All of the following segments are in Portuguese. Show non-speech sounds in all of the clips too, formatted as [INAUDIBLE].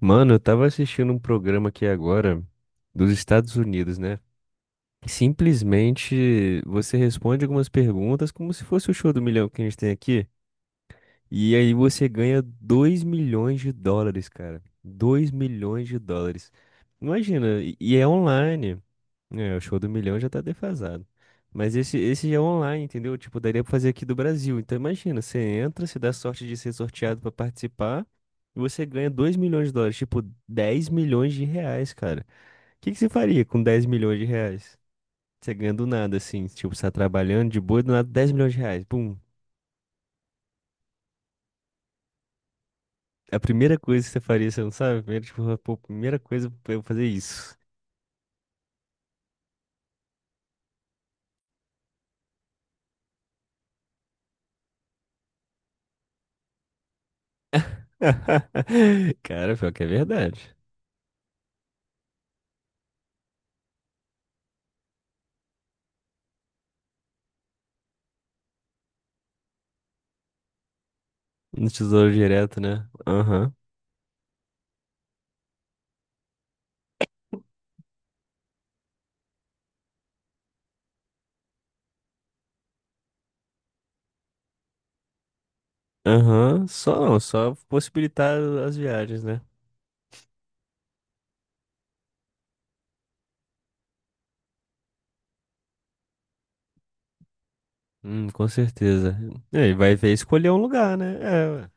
Mano, eu tava assistindo um programa aqui agora dos Estados Unidos, né? E simplesmente você responde algumas perguntas como se fosse o show do milhão que a gente tem aqui. E aí você ganha 2 milhões de dólares, cara. 2 milhões de dólares. Imagina, e é online. É, o show do milhão já tá defasado. Mas esse já é online, entendeu? Tipo, daria pra fazer aqui do Brasil. Então imagina, você entra, você dá sorte de ser sorteado pra participar e você ganha 2 milhões de dólares, tipo 10 milhões de reais, cara. O que que você faria com 10 milhões de reais? Você ganha do nada, assim, tipo, você tá trabalhando de boa, e do nada 10 milhões de reais. Pum. A primeira coisa que você faria, você não sabe? Primeiro, tipo, pô, primeira coisa pra eu fazer isso. [LAUGHS] Cara, pior que é verdade. No Tesouro Direto, né? Aham. Aham, só não, só possibilitar as viagens, né? Com certeza. É, e vai ver escolher um lugar, né? É, ué.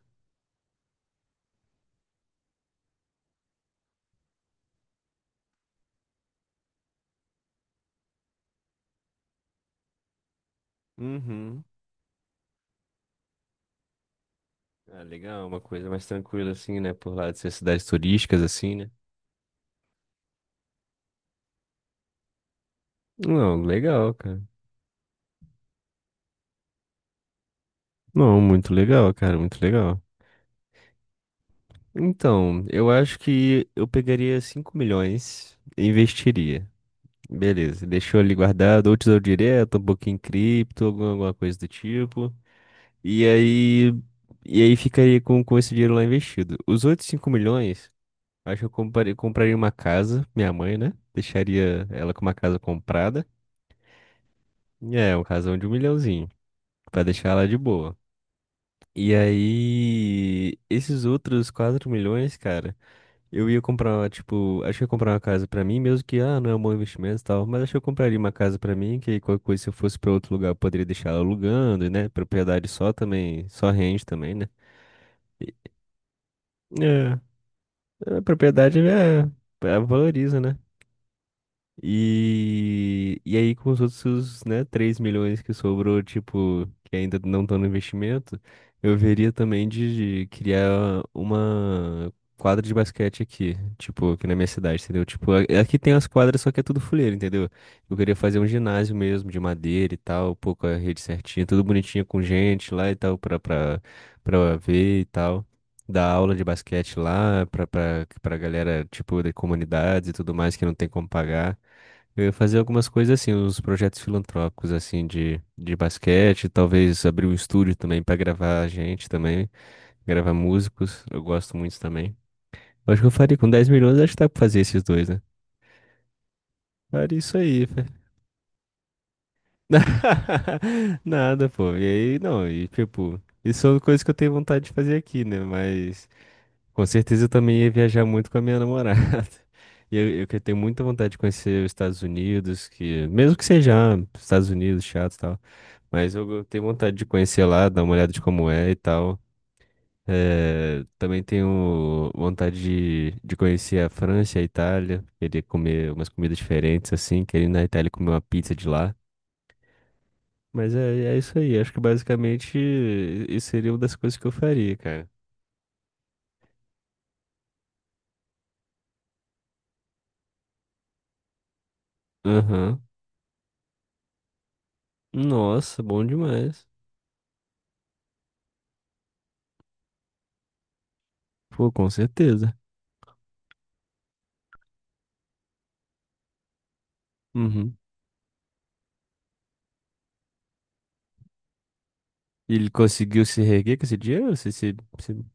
Uhum. Ah, legal, uma coisa mais tranquila assim, né? Por lá de ser cidades turísticas, assim, né? Não, legal, cara. Não, muito legal, cara, muito legal. Então, eu acho que eu pegaria 5 milhões e investiria. Beleza, deixou ali guardado, ou tesouro direto, um pouquinho em cripto, alguma coisa do tipo. E aí, e aí ficaria com esse dinheiro lá investido. Os outros 5 milhões, acho que eu compraria uma casa, minha mãe, né? Deixaria ela com uma casa comprada. E é, um casão de um milhãozinho, pra deixar ela de boa. E aí, esses outros 4 milhões, cara, eu ia comprar, tipo, acho que eu ia comprar uma casa pra mim, mesmo que, ah, não é um bom investimento e tal, mas acho que eu compraria uma casa pra mim, que aí qualquer coisa, se eu fosse pra outro lugar, eu poderia deixar ela alugando, né? Propriedade só também, só rende também, né? E- É. A propriedade é valoriza, né? E aí, com os outros, né, 3 milhões que sobrou, tipo, que ainda não estão no investimento, eu veria também de criar uma quadra de basquete aqui, tipo, aqui na minha cidade, entendeu? Tipo, aqui tem as quadras, só que é tudo fuleiro, entendeu? Eu queria fazer um ginásio mesmo, de madeira e tal, pô, com a rede certinha, tudo bonitinho com gente lá e tal, pra ver e tal. Dar aula de basquete lá pra galera, tipo, de comunidades e tudo mais que não tem como pagar. Eu ia fazer algumas coisas assim, uns projetos filantrópicos assim de basquete, talvez abrir um estúdio também pra gravar gente também, gravar músicos, eu gosto muito também. Eu acho que eu faria com 10 milhões, acho que dá pra fazer esses dois, né? Faria isso aí, fé. [LAUGHS] Nada, pô. E aí, não, e tipo, isso são coisas que eu tenho vontade de fazer aqui, né? Mas com certeza eu também ia viajar muito com a minha namorada. [LAUGHS] E eu que tenho muita vontade de conhecer os Estados Unidos, que mesmo que seja ah, Estados Unidos, chato, e tal. Mas eu tenho vontade de conhecer lá, dar uma olhada de como é e tal. É, também tenho vontade de conhecer a França e a Itália. Queria comer umas comidas diferentes, assim. Queria ir na Itália comer uma pizza de lá. Mas é isso aí. Acho que basicamente isso seria uma das coisas que eu faria, cara. Aham. Nossa, bom demais. Pô, com certeza. Uhum. E ele conseguiu se reerguer com esse dinheiro? Ou se...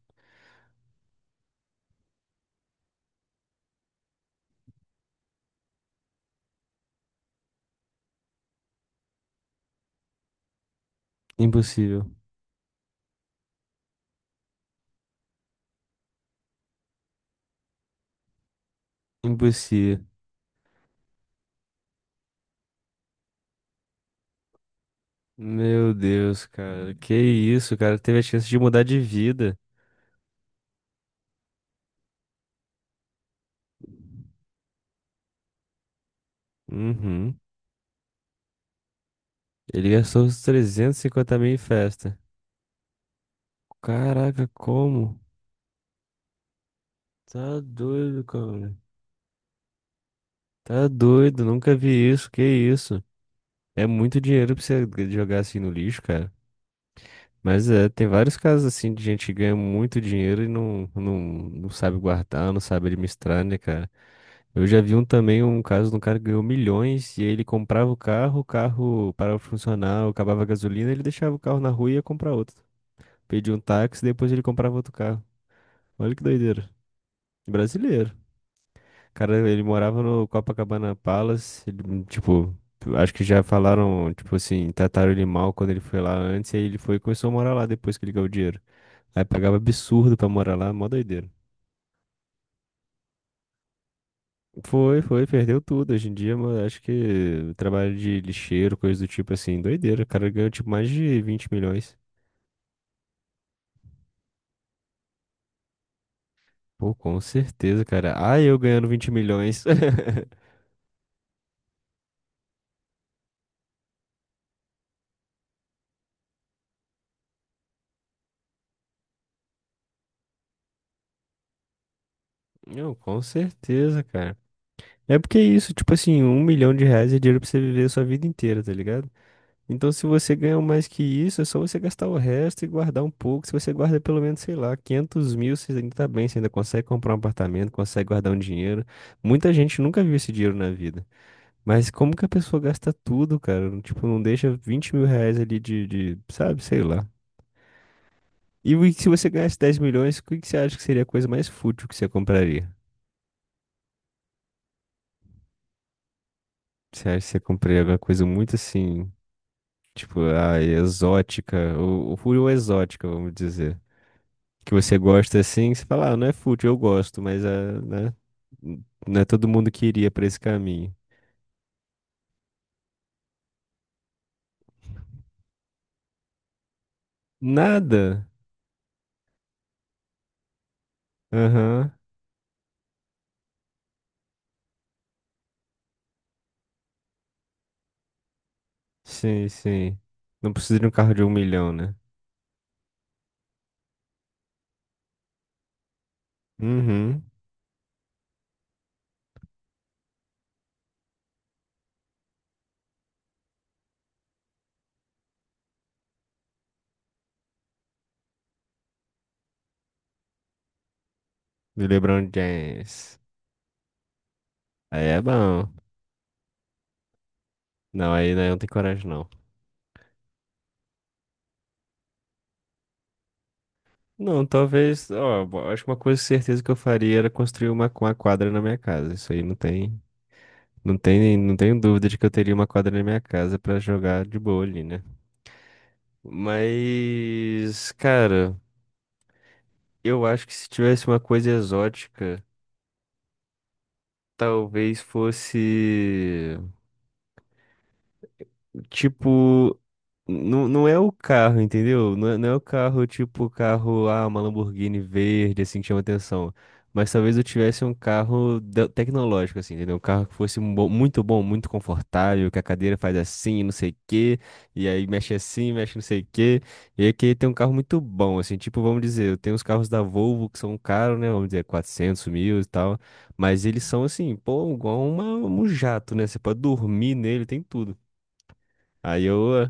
Impossível. Impossível. Meu Deus, cara. Que isso, cara. Teve a chance de mudar de vida. Uhum. Ele gastou os 350 mil em festa. Caraca, como? Tá doido, cara. Tá doido. Nunca vi isso. Que isso? É muito dinheiro pra você jogar assim no lixo, cara. Mas é, tem vários casos assim de gente que ganha muito dinheiro e não sabe guardar, não sabe administrar, né, cara? Eu já vi um também, um caso de um cara que ganhou milhões e aí ele comprava o carro parava de funcionar, acabava a gasolina, ele deixava o carro na rua e ia comprar outro. Pedia um táxi, depois ele comprava outro carro. Olha que doideira. Brasileiro. Cara, ele morava no Copacabana Palace, ele, tipo, acho que já falaram, tipo assim, trataram ele mal quando ele foi lá antes, e aí ele foi e começou a morar lá depois que ele ganhou o dinheiro. Aí pagava absurdo pra morar lá, mó doideira. Foi, foi, perdeu tudo. Hoje em dia, mano, acho que trabalho de lixeiro, coisa do tipo assim, doideira. O cara ganhou tipo mais de 20 milhões. Pô, com certeza, cara. Ah, eu ganhando 20 milhões. [LAUGHS] Não, com certeza, cara. É porque é isso, tipo assim, 1 milhão de reais é dinheiro pra você viver a sua vida inteira, tá ligado? Então, se você ganha mais que isso, é só você gastar o resto e guardar um pouco. Se você guarda pelo menos, sei lá, 500 mil, você ainda tá bem, você ainda consegue comprar um apartamento, consegue guardar um dinheiro. Muita gente nunca viu esse dinheiro na vida. Mas como que a pessoa gasta tudo, cara? Tipo, não deixa 20 mil reais ali, sabe, sei lá. E se você ganhasse 10 milhões, o que que você acha que seria a coisa mais fútil que você compraria? Você acha que você compraria alguma coisa muito assim, tipo, ah, exótica, ou exótica, vamos dizer. Que você gosta assim, você fala, ah, não é fútil, eu gosto, mas ah, né? Não é todo mundo que iria pra esse caminho. Nada? Aham, sim, sim. Não precisa de um carro de 1 milhão, né? Uhum. Do LeBron James. Aí é bom. Não, aí né, eu não tem coragem, não. Não, talvez, ó, acho que uma coisa certeza que eu faria era construir uma quadra na minha casa. Isso aí não tenho dúvida de que eu teria uma quadra na minha casa pra jogar de boa ali, né? Mas, cara, eu acho que se tivesse uma coisa exótica, talvez fosse tipo... Não, não é o carro, entendeu? Não é o carro tipo carro, ah, uma Lamborghini verde, assim, que chama atenção. Mas talvez eu tivesse um carro tecnológico, assim, entendeu? Um carro que fosse um muito bom, muito confortável, que a cadeira faz assim, não sei o quê, e aí mexe assim, mexe não sei o quê. E aí eu queria ter um carro muito bom, assim, tipo, vamos dizer, eu tenho os carros da Volvo que são caros, né? Vamos dizer, 400 mil e tal. Mas eles são, assim, pô, igual um jato, né? Você pode dormir nele, tem tudo. Aí eu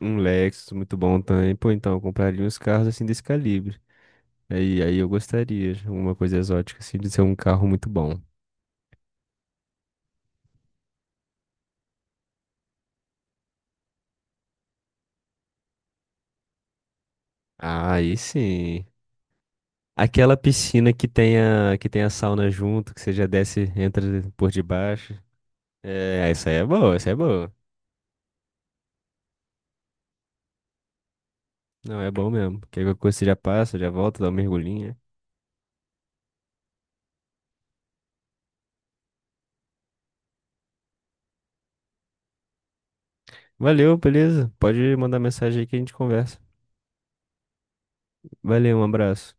um Lexus muito bom também. Pô, então, eu compraria uns carros assim desse calibre. Aí eu gostaria, uma coisa exótica assim, de ser um carro muito bom. Ah, aí sim. Aquela piscina que tenha sauna junto, que você já desce, entra por debaixo. É, essa aí é boa, essa aí é boa. Não, é bom mesmo. Porque qualquer coisa você já passa, já volta, dá uma mergulhinha. Valeu, beleza? Pode mandar mensagem aí que a gente conversa. Valeu, um abraço.